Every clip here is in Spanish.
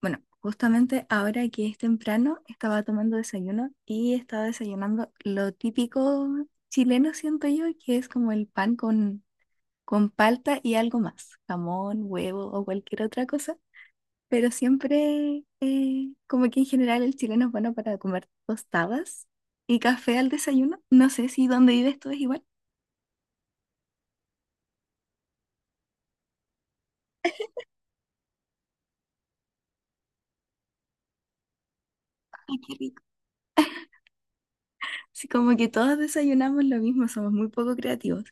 Bueno, justamente ahora que es temprano, estaba tomando desayuno y estaba desayunando lo típico chileno, siento yo, que es como el pan con palta y algo más, jamón, huevo o cualquier otra cosa. Pero siempre, como que en general el chileno es bueno para comer tostadas y café al desayuno. No sé si donde vives tú es igual. Ay, qué rico. Sí, como que todos desayunamos lo mismo, somos muy poco creativos.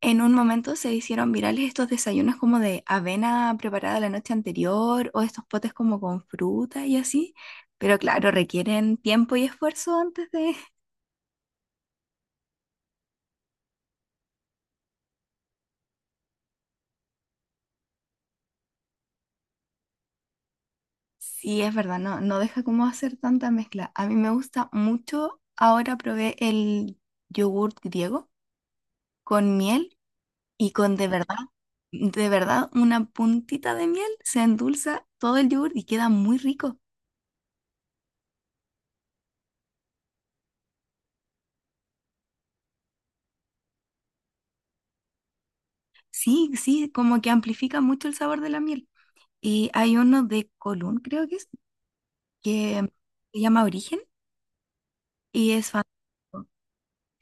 En un momento se hicieron virales estos desayunos como de avena preparada la noche anterior o estos potes como con fruta y así, pero claro, requieren tiempo y esfuerzo antes de... Sí, es verdad, no deja como hacer tanta mezcla. A mí me gusta mucho, ahora probé el yogurt griego con miel y con de verdad, una puntita de miel se endulza todo el yogurt y queda muy rico. Sí, sí, como que amplifica mucho el sabor de la miel. Y hay uno de Colón, creo que es, que se llama Origen y es fantástico.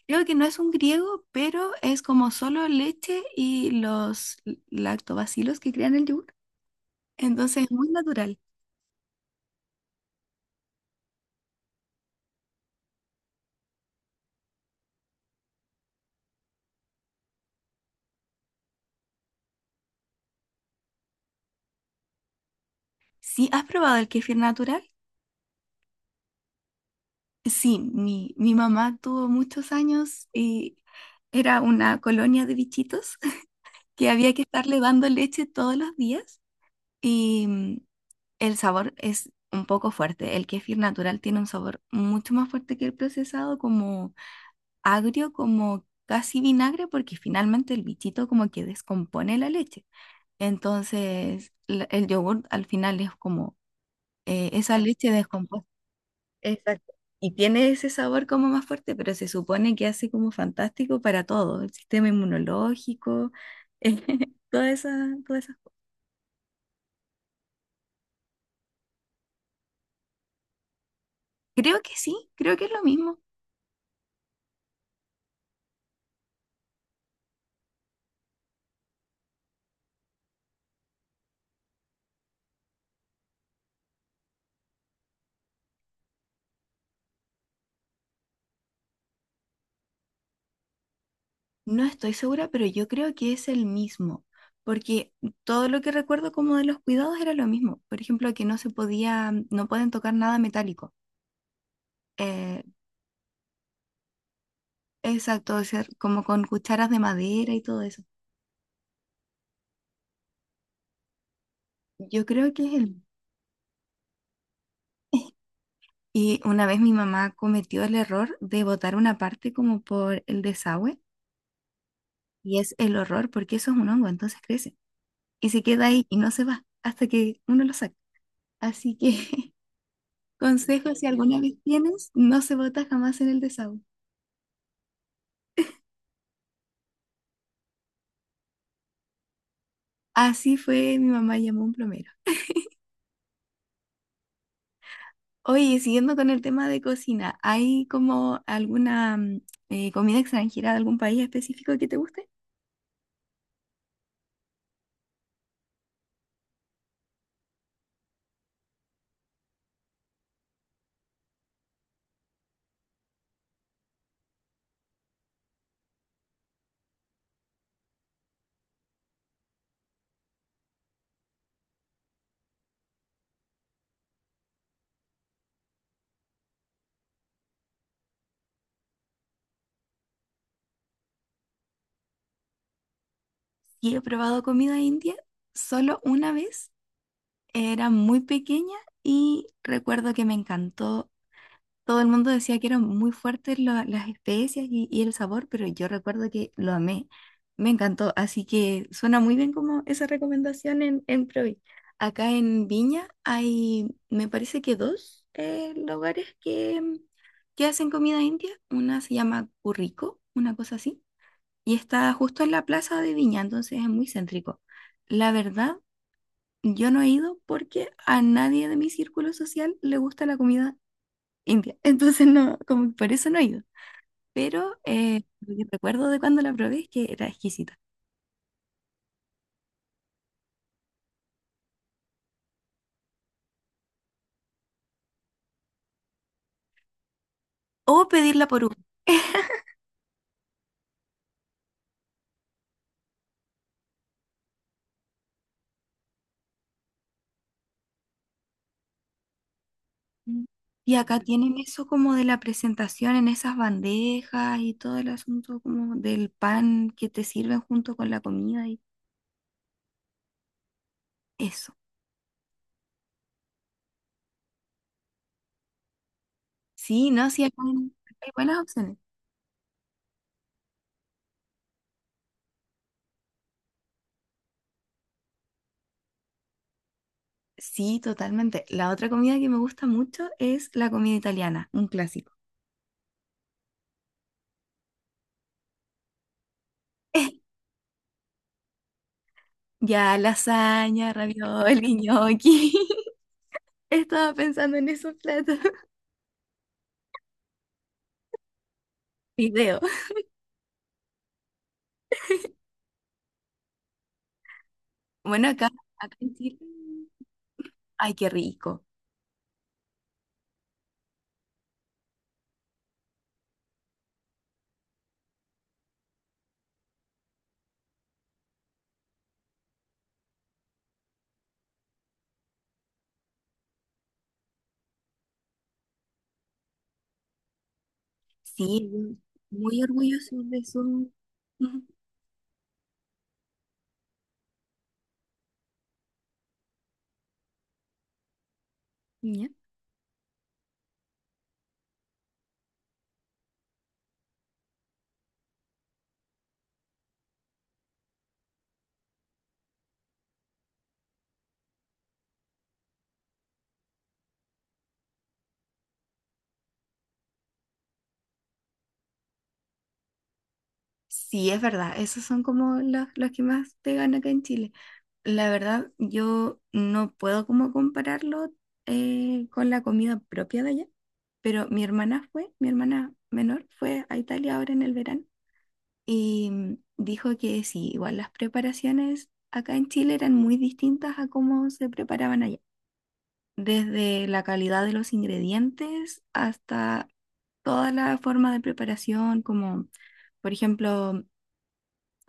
Creo que no es un griego, pero es como solo leche y los lactobacilos que crean el yogur. Entonces es muy natural. ¿Sí has probado el kéfir natural? Sí, mi mamá tuvo muchos años y era una colonia de bichitos que había que estarle dando leche todos los días. Y el sabor es un poco fuerte. El kéfir natural tiene un sabor mucho más fuerte que el procesado, como agrio, como casi vinagre, porque finalmente el bichito como que descompone la leche. Entonces, el yogur al final es como esa leche descompuesta. Exacto. Y tiene ese sabor como más fuerte, pero se supone que hace como fantástico para todo, el sistema inmunológico, todas esas, todas esas. Creo que sí, creo que es lo mismo. No estoy segura, pero yo creo que es el mismo, porque todo lo que recuerdo como de los cuidados era lo mismo. Por ejemplo, que no se podía, no pueden tocar nada metálico. Eh, exacto, o sea, como con cucharas de madera y todo eso. Yo creo que es el... Y una vez mi mamá cometió el error de botar una parte como por el desagüe, y es el horror porque eso es un hongo, entonces crece y se queda ahí y no se va hasta que uno lo saca. Así que consejo, si alguna vez tienes, no se bota jamás en el desagüe. Así fue, mi mamá llamó a un plomero. Oye, siguiendo con el tema de cocina, ¿hay como alguna comida extranjera de algún país específico que te guste? Sí, he probado comida india solo una vez, era muy pequeña y recuerdo que me encantó. Todo el mundo decía que eran muy fuertes las especias y el sabor, pero yo recuerdo que lo amé. Me encantó, así que suena muy bien como esa recomendación en Provi. Acá en Viña hay, me parece que dos lugares que, que hacen comida india. Una se llama Currico, una cosa así, y está justo en la plaza de Viña, entonces es muy céntrico. La verdad, yo no he ido porque a nadie de mi círculo social le gusta la comida india. Entonces no, como que por eso no he ido. Pero lo que recuerdo de cuando la probé es que era exquisita. O pedirla por Uber. Mm. Y acá tienen eso como de la presentación en esas bandejas y todo el asunto como del pan que te sirven junto con la comida y eso. Sí, no, sí, acá hay hay buenas opciones. Sí, totalmente. La otra comida que me gusta mucho es la comida italiana, un clásico. Ya, lasaña, ravioli, gnocchi. Estaba pensando en esos platos. Video. Bueno, acá, acá en Chile. Ay, qué rico. Sí, yo muy orgulloso de su. Ujú, ya. Sí, es verdad. Esos son como los que más pegan acá en Chile. La verdad, yo no puedo como compararlo con la comida propia de allá. Pero mi hermana fue, mi hermana menor fue a Italia ahora en el verano. Y dijo que sí, igual las preparaciones acá en Chile eran muy distintas a cómo se preparaban allá, desde la calidad de los ingredientes hasta toda la forma de preparación, como por ejemplo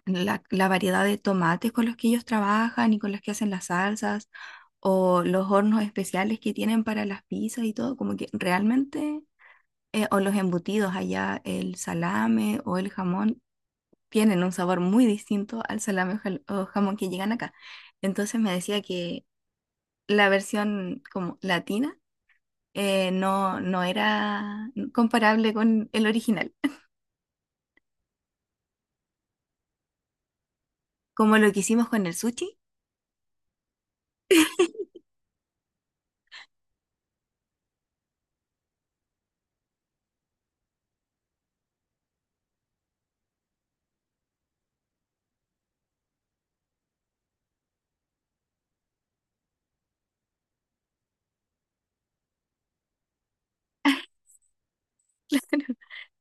la, la variedad de tomates con los que ellos trabajan y con los que hacen las salsas, o los hornos especiales que tienen para las pizzas y todo, como que realmente, o los embutidos allá, el salame o el jamón tienen un sabor muy distinto al salame o jamón que llegan acá. Entonces me decía que la versión como latina no era comparable con el original. Como lo que hicimos con el sushi,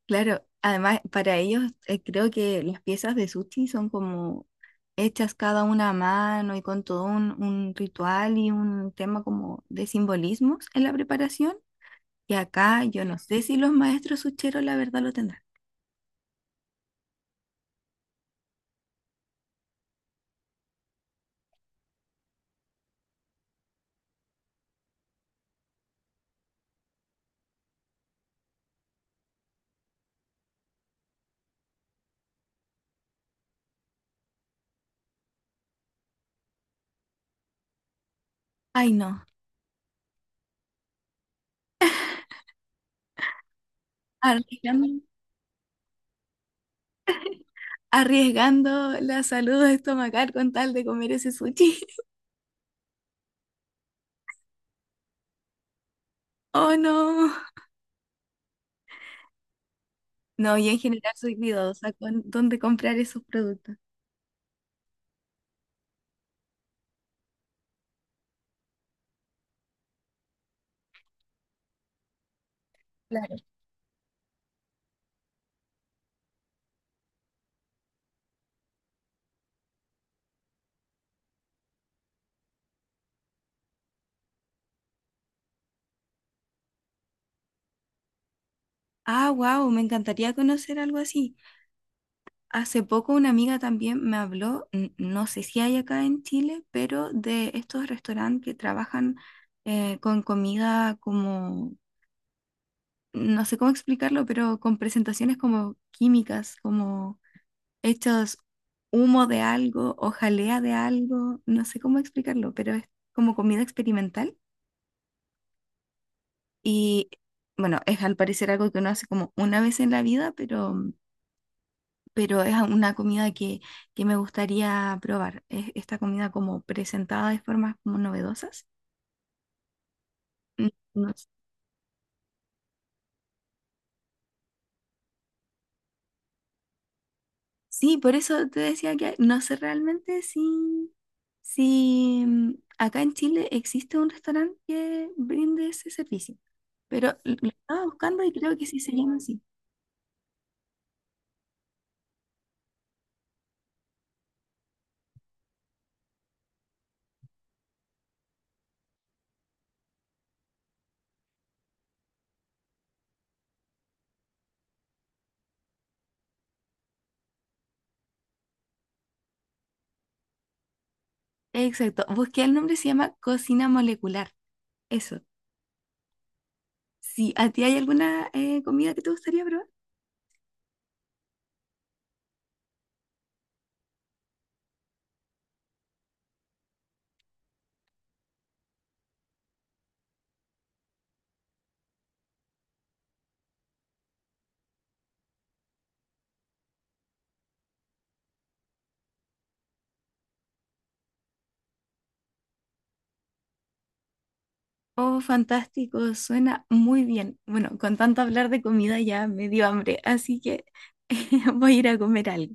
claro, además para ellos creo que las piezas de sushi son como hechas cada una a mano y con todo un ritual y un tema como de simbolismos en la preparación. Y acá yo no sé si los maestros sucheros la verdad lo tendrán. Ay, no. Ah, arriesgando la salud estomacal con tal de comer ese sushi. Oh, no. No, y en general soy cuidadosa con dónde comprar esos productos. Claro. Ah, wow, me encantaría conocer algo así. Hace poco una amiga también me habló, no sé si hay acá en Chile, pero de estos restaurantes que trabajan con comida como, no sé cómo explicarlo, pero con presentaciones como químicas, como hechos humo de algo o jalea de algo, no sé cómo explicarlo, pero es como comida experimental y bueno, es al parecer algo que uno hace como una vez en la vida, pero es una comida que me gustaría probar. Es esta comida como presentada de formas como novedosas. Mm, no. Sí, por eso te decía que no sé realmente si, si acá en Chile existe un restaurante que brinde ese servicio, pero lo estaba buscando y creo que sí se llama así. Exacto, busqué el nombre, se llama Cocina Molecular. Eso. Sí. ¿A ti hay alguna comida que te gustaría probar? Oh, fantástico, suena muy bien. Bueno, con tanto hablar de comida ya me dio hambre, así que voy a ir a comer algo.